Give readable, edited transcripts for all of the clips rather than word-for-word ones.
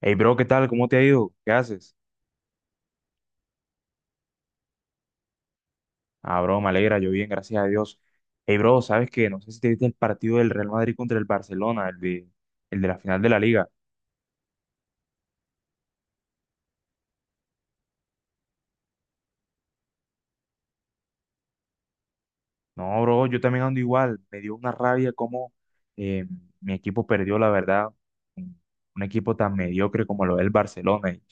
Hey, bro, ¿qué tal? ¿Cómo te ha ido? ¿Qué haces? Ah, bro, me alegra, yo bien, gracias a Dios. Hey, bro, ¿sabes qué? No sé si te viste el partido del Real Madrid contra el Barcelona, el de la final de la Liga. No, bro, yo también ando igual. Me dio una rabia cómo eh, mi equipo perdió, la verdad. Un un equipo tan mediocre como lo es el Barcelona. Y, o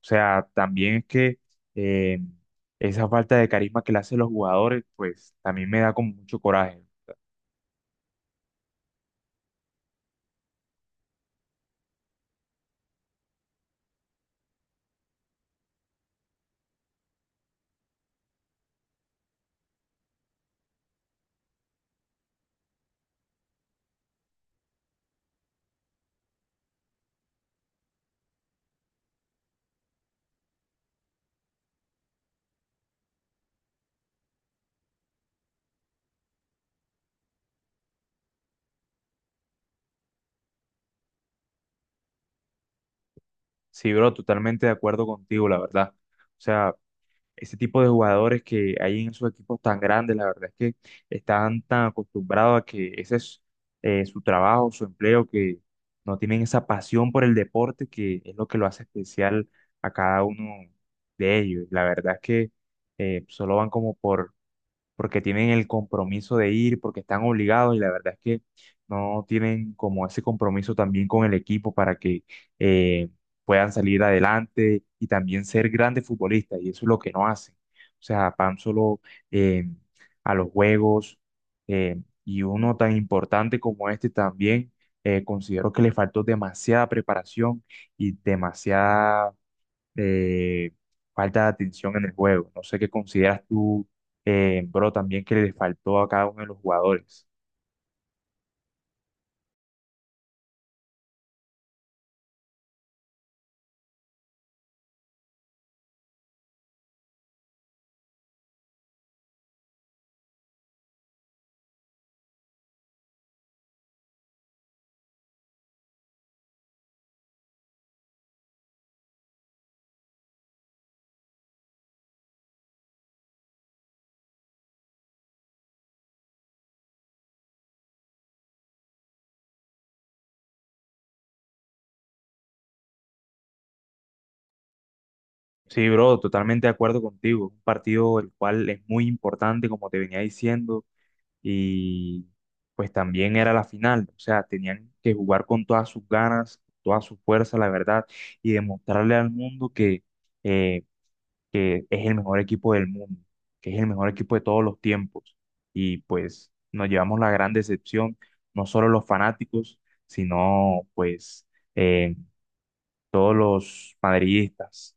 sea, también es que eh, esa falta de carisma que le hacen los jugadores, pues también me da como mucho coraje. Sí, bro, totalmente de acuerdo contigo, la verdad. O sea, ese tipo de jugadores que hay en esos equipos tan grandes, la verdad es que están tan acostumbrados a que ese es su trabajo, su empleo, que no tienen esa pasión por el deporte que es lo que lo hace especial a cada uno de ellos. La verdad es que solo van como porque tienen el compromiso de ir, porque están obligados y la verdad es que no tienen como ese compromiso también con el equipo para que eh, puedan salir adelante y también ser grandes futbolistas y eso es lo que no hacen. O sea, van solo eh, a los juegos eh, y uno tan importante como este también. Considero que le faltó demasiada preparación y demasiada eh, falta de atención en el juego. No sé qué consideras tú, bro, también que le faltó a cada uno de los jugadores. Sí, bro, totalmente de acuerdo contigo. Un partido el cual es muy importante, como te venía diciendo, y pues también era la final. O sea, tenían que jugar con todas sus ganas, toda su fuerza, la verdad, y demostrarle al mundo eh, que es el mejor equipo del mundo, que es el mejor equipo de todos los tiempos. Y pues nos llevamos la gran decepción, no solo los fanáticos, sino pues eh, todos los madridistas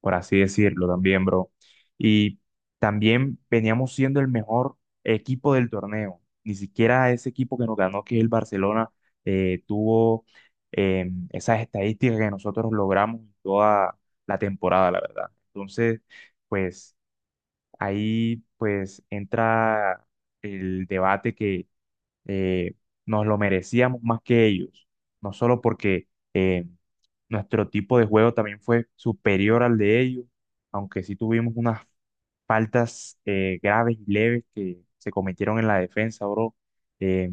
por así decirlo también, bro. Y también veníamos siendo el mejor equipo del torneo. Ni siquiera ese equipo que nos ganó, que es el Barcelona, tuvo esas estadísticas que nosotros logramos toda la temporada, la verdad. Entonces, pues ahí pues entra el debate, eh, nos lo merecíamos más que ellos, no solo porque eh, nuestro tipo de juego también fue superior al de ellos, aunque sí tuvimos unas faltas graves y leves que se cometieron en la defensa, bro. eh,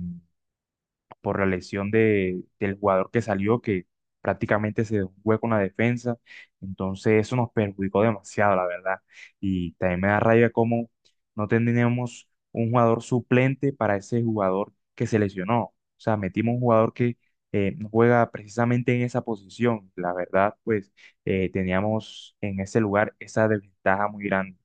por la lesión del jugador que salió, que prácticamente se dejó un hueco en la defensa. Entonces eso nos perjudicó demasiado, la verdad. Y también me da rabia cómo no tenemos un jugador suplente para ese jugador que se lesionó. O sea, metimos un jugador que no juega precisamente en esa posición. La verdad, pues teníamos en ese lugar esa desventaja muy grande.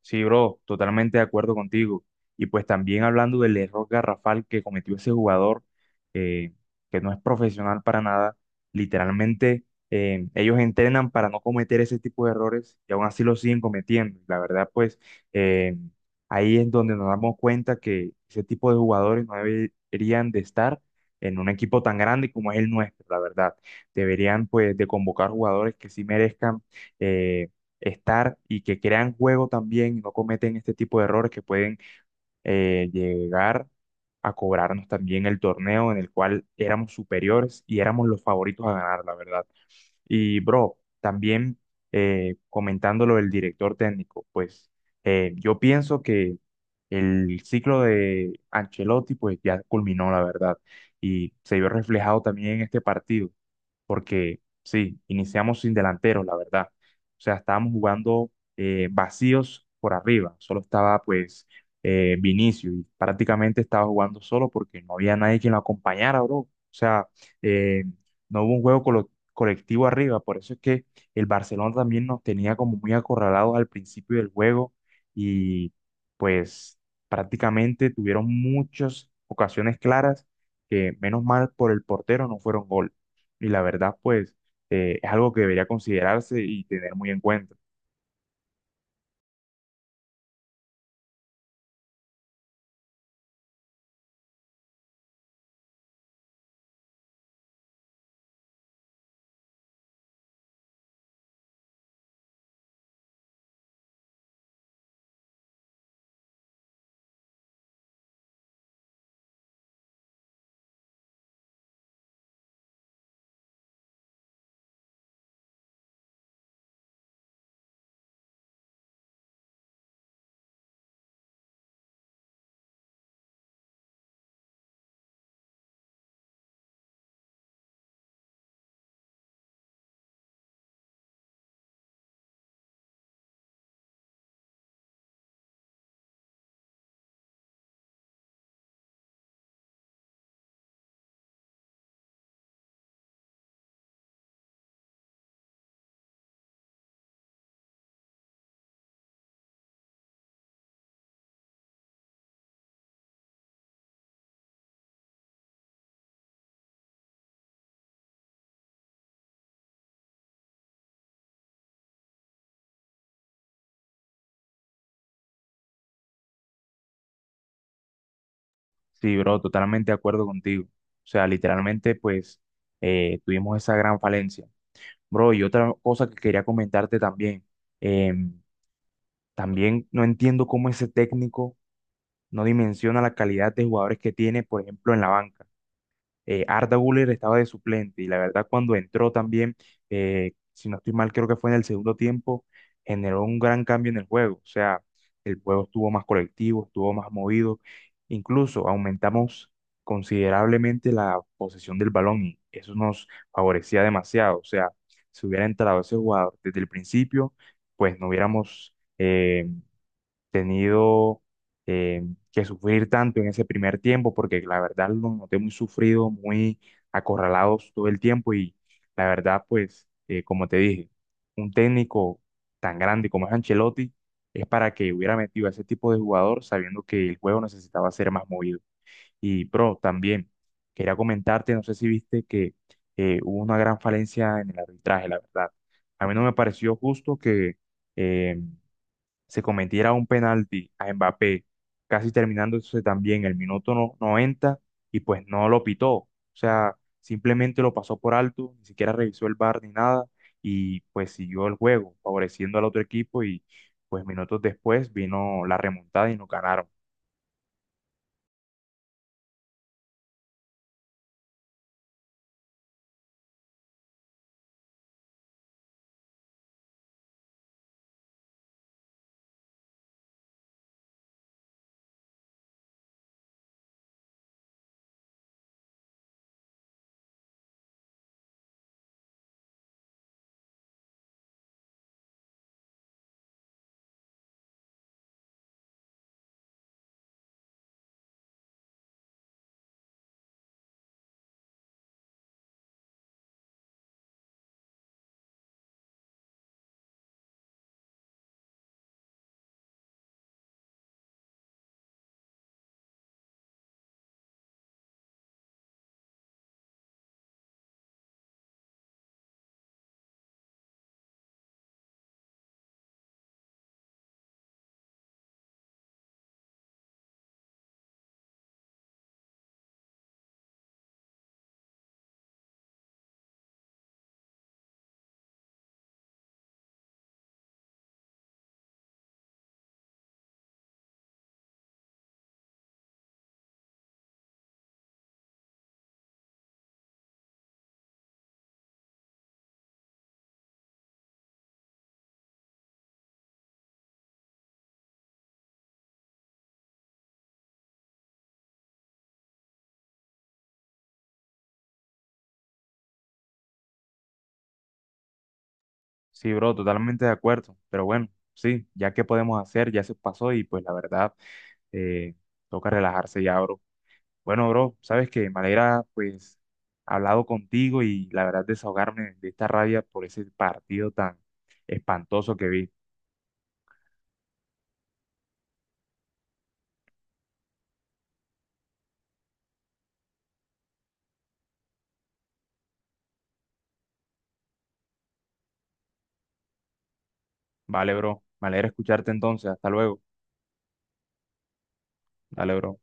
Sí, bro, totalmente de acuerdo contigo. Y pues también hablando del error garrafal que cometió ese jugador, eh, que no es profesional para nada, literalmente ellos entrenan para no cometer ese tipo de errores y aún así lo siguen cometiendo. La verdad, pues eh, ahí es donde nos damos cuenta que ese tipo de jugadores no deberían de estar en un equipo tan grande como es el nuestro, la verdad. Deberían pues de convocar jugadores que sí merezcan. eh, Estar y que crean juego también y no cometen este tipo de errores que pueden llegar a cobrarnos también el torneo en el cual éramos superiores y éramos los favoritos a ganar, la verdad. Y bro, también comentando lo del director técnico, pues yo pienso que el ciclo de Ancelotti pues ya culminó, la verdad, y se vio reflejado también en este partido porque sí, iniciamos sin delanteros, la verdad. O sea, estábamos jugando vacíos por arriba, solo estaba pues Vinicius y prácticamente estaba jugando solo porque no había nadie quien lo acompañara, bro. O sea, eh, no hubo un colectivo arriba, por eso es que el Barcelona también nos tenía como muy acorralados al principio del juego y pues prácticamente tuvieron muchas ocasiones claras que menos mal por el portero no fueron gol. Y la verdad, pues, es algo que debería considerarse y tener muy en cuenta. Sí, bro, totalmente de acuerdo contigo. O sea, literalmente, pues, tuvimos esa gran falencia. Bro, y otra cosa que quería comentarte también. em, También no entiendo cómo ese técnico no dimensiona la calidad de jugadores que tiene, por ejemplo, en la banca. Arda Güler estaba de suplente y la verdad cuando entró también, si no estoy mal, creo que fue en el segundo tiempo, generó un gran cambio en el juego. O sea, el juego estuvo más colectivo, estuvo más movido. Incluso aumentamos considerablemente la posesión del balón y eso nos favorecía demasiado. O sea, si hubiera entrado ese jugador desde el principio, pues no hubiéramos... tenido eh, que sufrir tanto en ese primer tiempo, porque la verdad lo noté muy sufrido, muy acorralados todo el tiempo y la verdad, pues, como te dije, un técnico tan grande como es Ancelotti es para que hubiera metido a ese tipo de jugador sabiendo que el juego necesitaba ser más movido. Y, pro también quería comentarte, no sé si viste que hubo una gran falencia en el arbitraje, la verdad. A mí no me pareció justo que... em, se cometiera un penalti a Mbappé, casi terminándose también el minuto no- 90 y pues no lo pitó. O sea, simplemente lo pasó por alto, ni siquiera revisó el VAR ni nada, y pues siguió el juego, favoreciendo al otro equipo, y pues minutos después vino la remontada y nos ganaron. Sí, bro, totalmente de acuerdo, pero bueno, sí, ya qué podemos hacer, ya se pasó, y pues la verdad, eh, toca relajarse ya, bro. Bueno, bro, sabes que me alegra pues hablado contigo y la verdad desahogarme de esta rabia por ese partido tan espantoso que vi. Vale, bro, me alegra escucharte entonces. Hasta luego. Dale, bro.